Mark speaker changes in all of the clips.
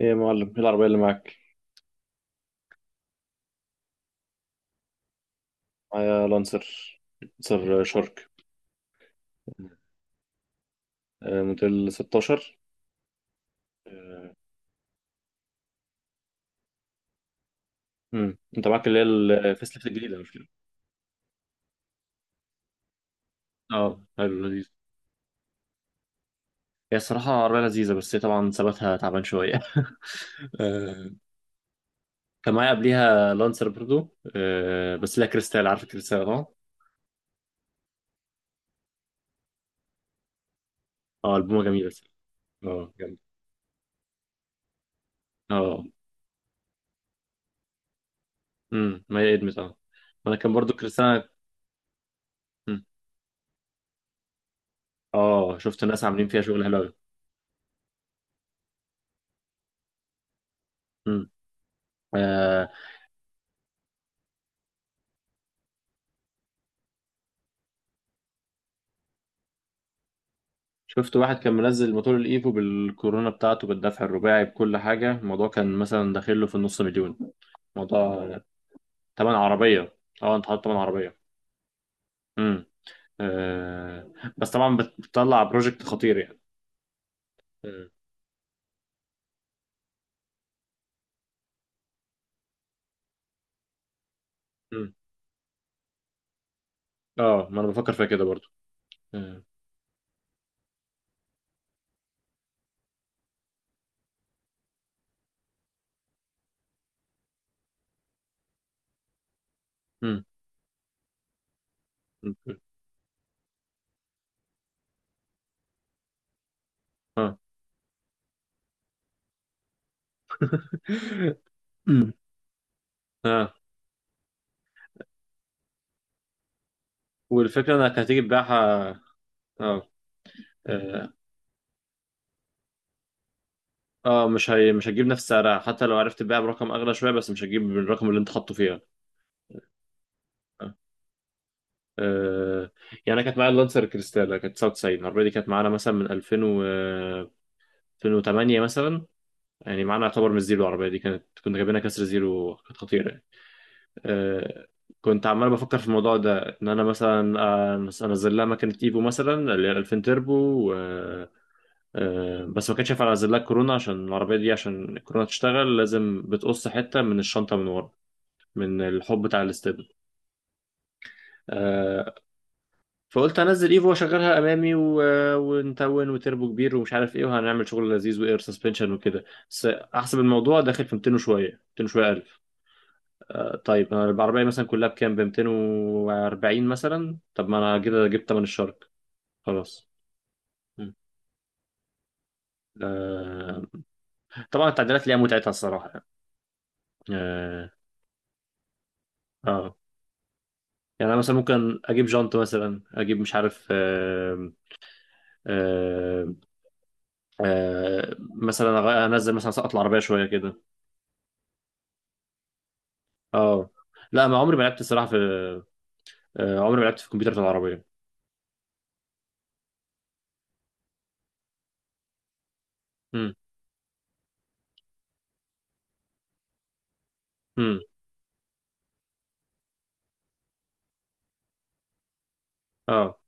Speaker 1: ايه يا معلم ايه العربية اللي معاك؟ معايا لانسر لانسر شارك. آه، موديل 16. آه، انت معاك اللي هي الفيس ليفت الجديدة مش كده؟ اه، حلو لذيذ. هي الصراحة عربية لذيذة بس هي طبعا ثباتها تعبان شوية. آه. كان معايا قبليها لانسر برضو، بس لها كريستال، عارف الكريستال اه. اه، البومة جميلة. اه، جميل. اه، ما هي ادمت اه. وانا كان برضو كريستال. مم. اه، شفت الناس عاملين فيها شغل حلو. قوي. شفت واحد كان منزل موتور الايفو بالكورونا بتاعته بالدفع الرباعي بكل حاجة، الموضوع كان مثلا داخل له في النص مليون. موضوع تمن عربية. اه، انت حاطط تمن عربية. امم. آه، بس طبعا بتطلع بروجكت خطير يعني. امم. أمم. اه، ما انا بفكر فيها كده برضو. امم. أمم. اه. أمم. اه، والفكرة انك هتيجي تبيعها. اه. اه. مش هتجيب نفس سعرها حتى لو عرفت تبيعها برقم اغلى شوية، بس مش هتجيب بالرقم اللي انت حاطه فيها. آه، يعني انا كانت معايا اللانسر كريستالا، كانت 99، العربيه دي كانت معانا مثلا من 2000 و 2008 مثلا، يعني معانا يعتبر من الزيرو. العربيه دي كانت كنا جايبينها كسر زيرو، كانت خطيره يعني. آه، كنت عمال بفكر في الموضوع ده ان انا مثلا انزل لها مكنه ايفو مثلا، اللي هي 2000 تربو و... بس ما كانش ينفع انزل لها كورونا، عشان العربيه دي، عشان الكورونا تشتغل لازم بتقص حته من الشنطه من ورا، من الحب بتاع الاستبن. فقلت انزل ايفو واشغلها امامي و... ونتون وتربو كبير ومش عارف ايه، وهنعمل شغل لذيذ واير سسبنشن وكده. بس احسب الموضوع داخل في 200 وشويه، 200 وشويه الف. آه طيب، انا العربيه مثلا كلها بكام، ب 240 مثلا، طب ما انا كده جبت تمن الشرك. خلاص. م. آه طبعا التعديلات ليها متعتها الصراحه يعني. اه. اه، يعني انا مثلا ممكن اجيب جانت مثلا، اجيب مش عارف آه. آه. آه مثلا أغ- انزل مثلا سقط العربيه شويه كده. اه، لا ما عمري ما لعبت الصراحه في، عمري ما لعبت في الكمبيوتر في العربيه. امم. امم. اه.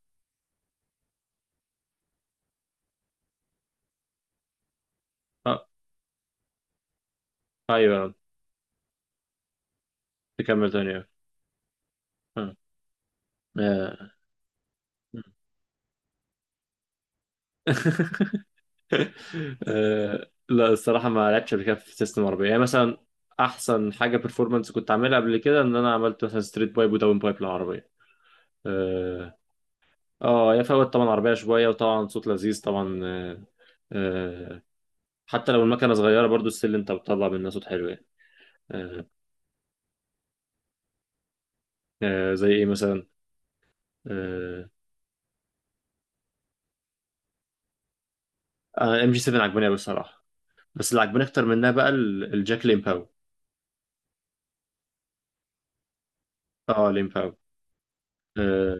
Speaker 1: اه. ايوه. تكمل تاني آه. آه. آه. آه. لا الصراحه ما لعبتش قبل كده في سيستم عربيه، يعني مثلا احسن حاجه بيرفورمانس كنت عاملها قبل كده ان انا عملت مثلا ستريت بايب وداون بايب للعربيه. اه. اه، هي فوت طبعا عربيه شويه، وطبعا صوت لذيذ طبعا آه. آه. حتى لو المكنه صغيره برضو السل، انت بتطلع منها صوت حلو يعني. آه. آه. زي ايه مثلا؟ آه، ام جي 7 عجباني قوي الصراحه، بس اللي عجباني اكتر منها بقى الجاك ليمباو. اه ليمباو. اه.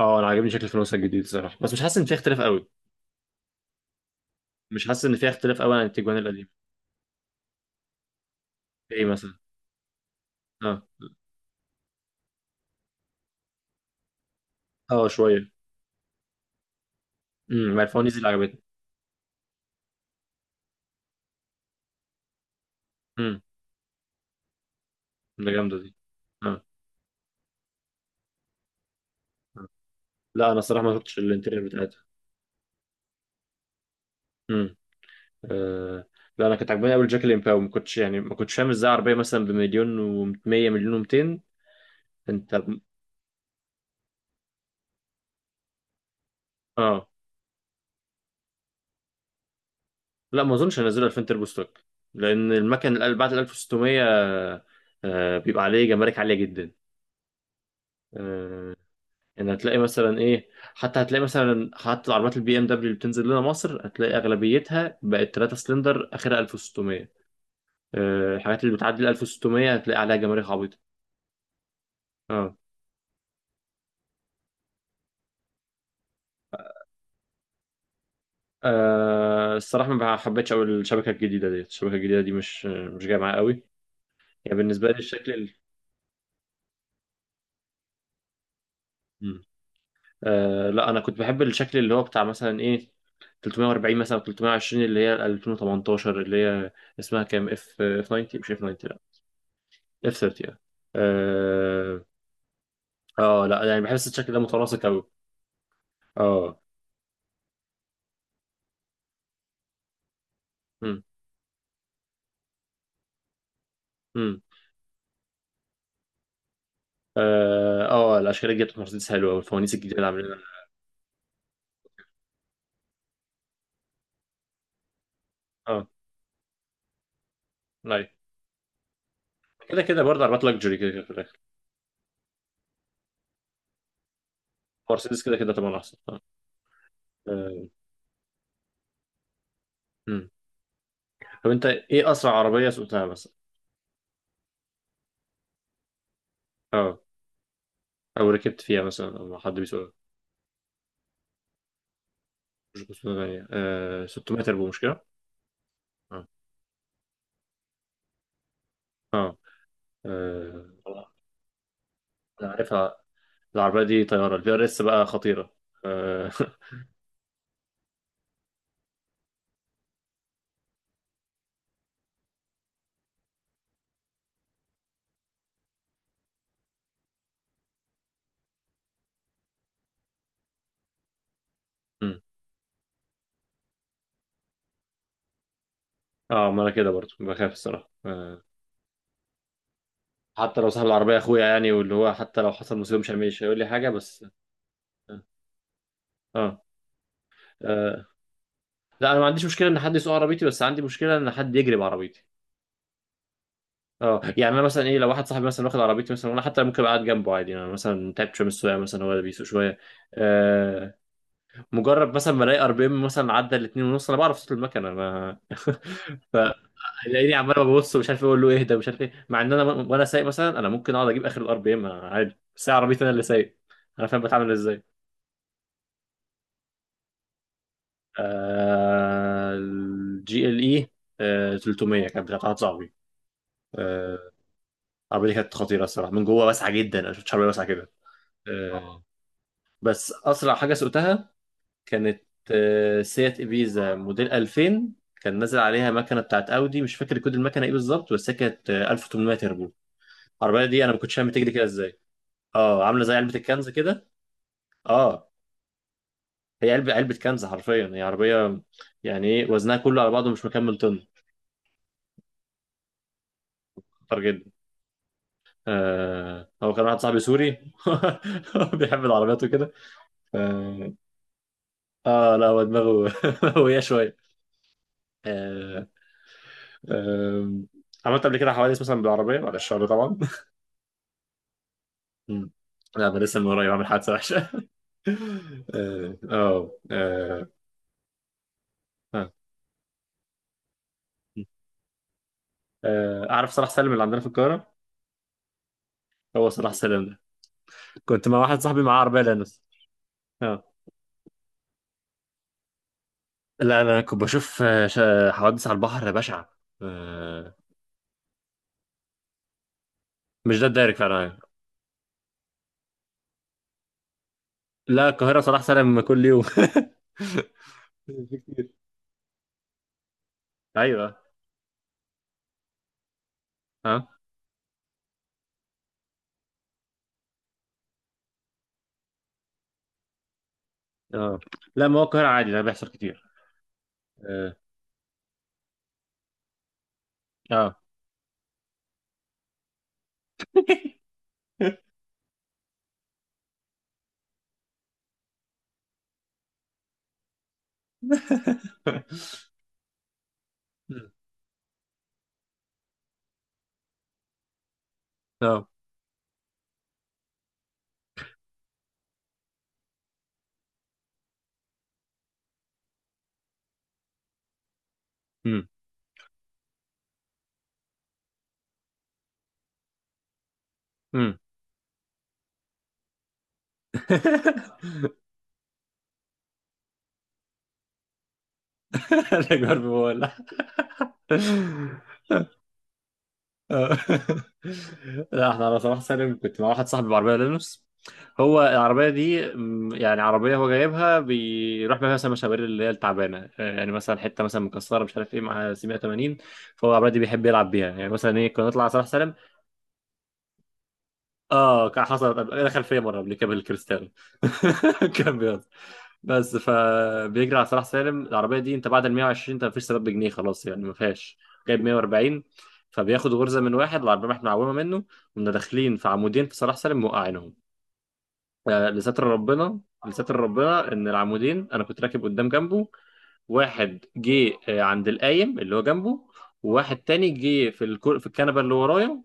Speaker 1: انا عاجبني شكل الفانوس الجديد الصراحه، بس مش حاسس ان فيها اختلاف قوي. مش حاسس ان فيها اختلاف قوي عن التيجوان القديم. ايه مثلا؟ اه. اه شويه. امم، ما الفوانيس دي اللي عجبتني. امم. ده جامده دي. اه. آه. لا انا الصراحه ما شفتش الانتيريور بتاعتها. امم. آه. لا انا كنت عجباني قوي الجاك ليمباو، ما كنتش يعني ما كنتش فاهم ازاي عربيه مثلا بمليون و100 مليون و200. انت. اه، لا ما اظنش هينزلوا 2000 تربو ستوك، لان المكن بعد ال 1600 بيبقى عليه جمارك عاليه جدا. آه، يعني هتلاقي مثلا ايه، حتى هتلاقي مثلا حتى العربيات البي ام دبليو اللي بتنزل لنا مصر، هتلاقي اغلبيتها بقت 3 سلندر اخرها 1600. الحاجات اللي بتعدي ال 1600 هتلاقي عليها جمارك عبيطه. اه. الصراحه ما حبيتش قوي الشبكه الجديده ديت، الشبكه الجديده دي مش مش جايه معايا قوي. يعني بالنسبه لي الشكل ال... آه لا انا كنت بحب الشكل اللي هو بتاع مثلا ايه 340 مثلا، 320 اللي هي 2018 اللي هي اسمها كام اف 90، مش اف 90، لا اف 30. اه. اه. لا يعني بحس الشكل ده متناسق قوي. اه. امم. امم. اه. الاشكال الجديده بتاعت مرسيدس حلوه والفوانيس الجديده اللي عاملينها. اه. لا كده كده برضه عربيات لكجري، كده كده في الاخر. مرسيدس كده كده طبعا احسن اه. آه. امم. طب انت ايه اسرع عربيه سوقتها مثلا؟ اه. او ركبت فيها مثلا، او حد بيسوقها. مش 508، آه 600 تربو مش كده؟ اه. اه. والله. انا عارفها. العربية دي طيارة، الفي ار اس بقى خطيرة. اه. مم. ما انا كده برضو بخاف الصراحة آه. حتى لو صاحب العربية اخويا يعني، واللي هو حتى لو حصل مصيبة مش هيقول لي حاجة، بس اه. آه. آه. لا انا ما عنديش مشكلة ان حد يسوق عربيتي، بس عندي مشكلة ان حد يجري بعربيتي. اه، يعني انا مثلا ايه، لو واحد صاحبي مثلا واخد عربيتي مثلا، وانا حتى ممكن ابقى قاعد جنبه عادي، يعني انا مثلا تعبت شويه من السواقه مثلا، هو اللي بيسوق شويه. آه. مجرد مثلا ما الاقي ار بي ام مثلا عدى الاتنين ونص، انا بعرف صوت المكنه انا. فلاقيني عمال ببص، ومش عارف اقول له اهدى ومش عارف ايه، مع ان انا وانا سايق مثلا انا ممكن اقعد اجيب اخر الار بي ام عادي، بس هي عربيتي انا اللي سايق. انا فاهم بتعمل ازاي. آه الجي ال اي 300 كانت بتاعت واحد صاحبي. آه، العربيه دي كانت خطيره الصراحه، من جوه واسعه جدا، انا ما شفتش عربيه واسعه كده. آه. اه. بس اسرع حاجه سوقتها كانت، سيات إبيزا موديل 2000، كان نازل عليها مكنه بتاعت اودي، مش فاكر كود المكنه ايه بالظبط، بس هي كانت 1800 تربو. العربيه دي انا ما كنتش فاهم بتجري كده ازاي. اه، عامله زي علبه الكنز كده. اه، هي علبه، علبه كنز حرفيا، هي عربيه يعني ايه، وزنها كله على بعضه مش مكمل طن. خطر جدا. آه هو كان واحد صاحبي سوري. بيحب العربيات وكده. اه. لا هو دماغه هوية شويه. آه. آه. عملت قبل كده حوادث مثلا بالعربيه، بعد الشر طبعا. مم. لا ده لسه من قريب عامل حادثه وحشه. اه. اه. آه. آه. اعرف صلاح سالم اللي عندنا في القاهره. هو صلاح سالم ده، كنت مع واحد صاحبي معاه عربيه لانوس. اه. لا لا انا كنت بشوف حوادث على البحر بشعه. آه، مش ده الدايركت فعلا يعني. لا القاهره صلاح سالم كل يوم. في كتير. ايوه. اه. اه. لا ما هو القاهره عادي ده بيحصل كتير. اه. اه. اه. امم. امم. انا جرب. لا، احنا على صلاح سالم كنت مع واحد صاحبي بعربية لينوس، هو العربية دي يعني عربية، هو جايبها بيروح بيها مثلا مشاوير اللي هي التعبانة، يعني مثلا حتة مثلا مكسرة مش عارف ايه مع 780. فهو العربية دي بيحب يلعب بيها، يعني مثلا ايه، كنا نطلع على صلاح سالم. اه كان حصلت دخل فيا مره قبل كده بالكريستال. كان بيض. بس فبيجري على صلاح سالم العربيه دي، انت بعد ال 120 انت مفيش سبب بجنيه خلاص يعني ما فيهاش. جايب 140. فبياخد غرزه من واحد، العربيه احنا معومه منه، ومنا داخلين في عمودين في صلاح سالم، موقعينهم. لستر ربنا. لستر ربنا ان العمودين، انا كنت راكب قدام جنبه، واحد جه عند القايم اللي هو جنبه، وواحد تاني جه في في الكنبه اللي ورايا.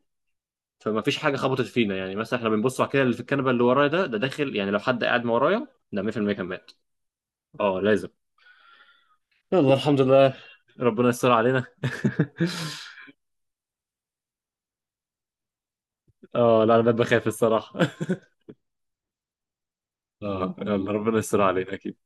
Speaker 1: فما فيش حاجه خبطت فينا، يعني مثلا احنا بنبص على كده، اللي في الكنبه اللي ورايا ده، ده داخل يعني لو حد قاعد ما ورايا ده 100% كان مات. اه لازم. يلا الحمد لله. ربنا يستر علينا. اه، لا انا بقيت بخاف الصراحه. اه يلا ربنا يستر علينا اكيد.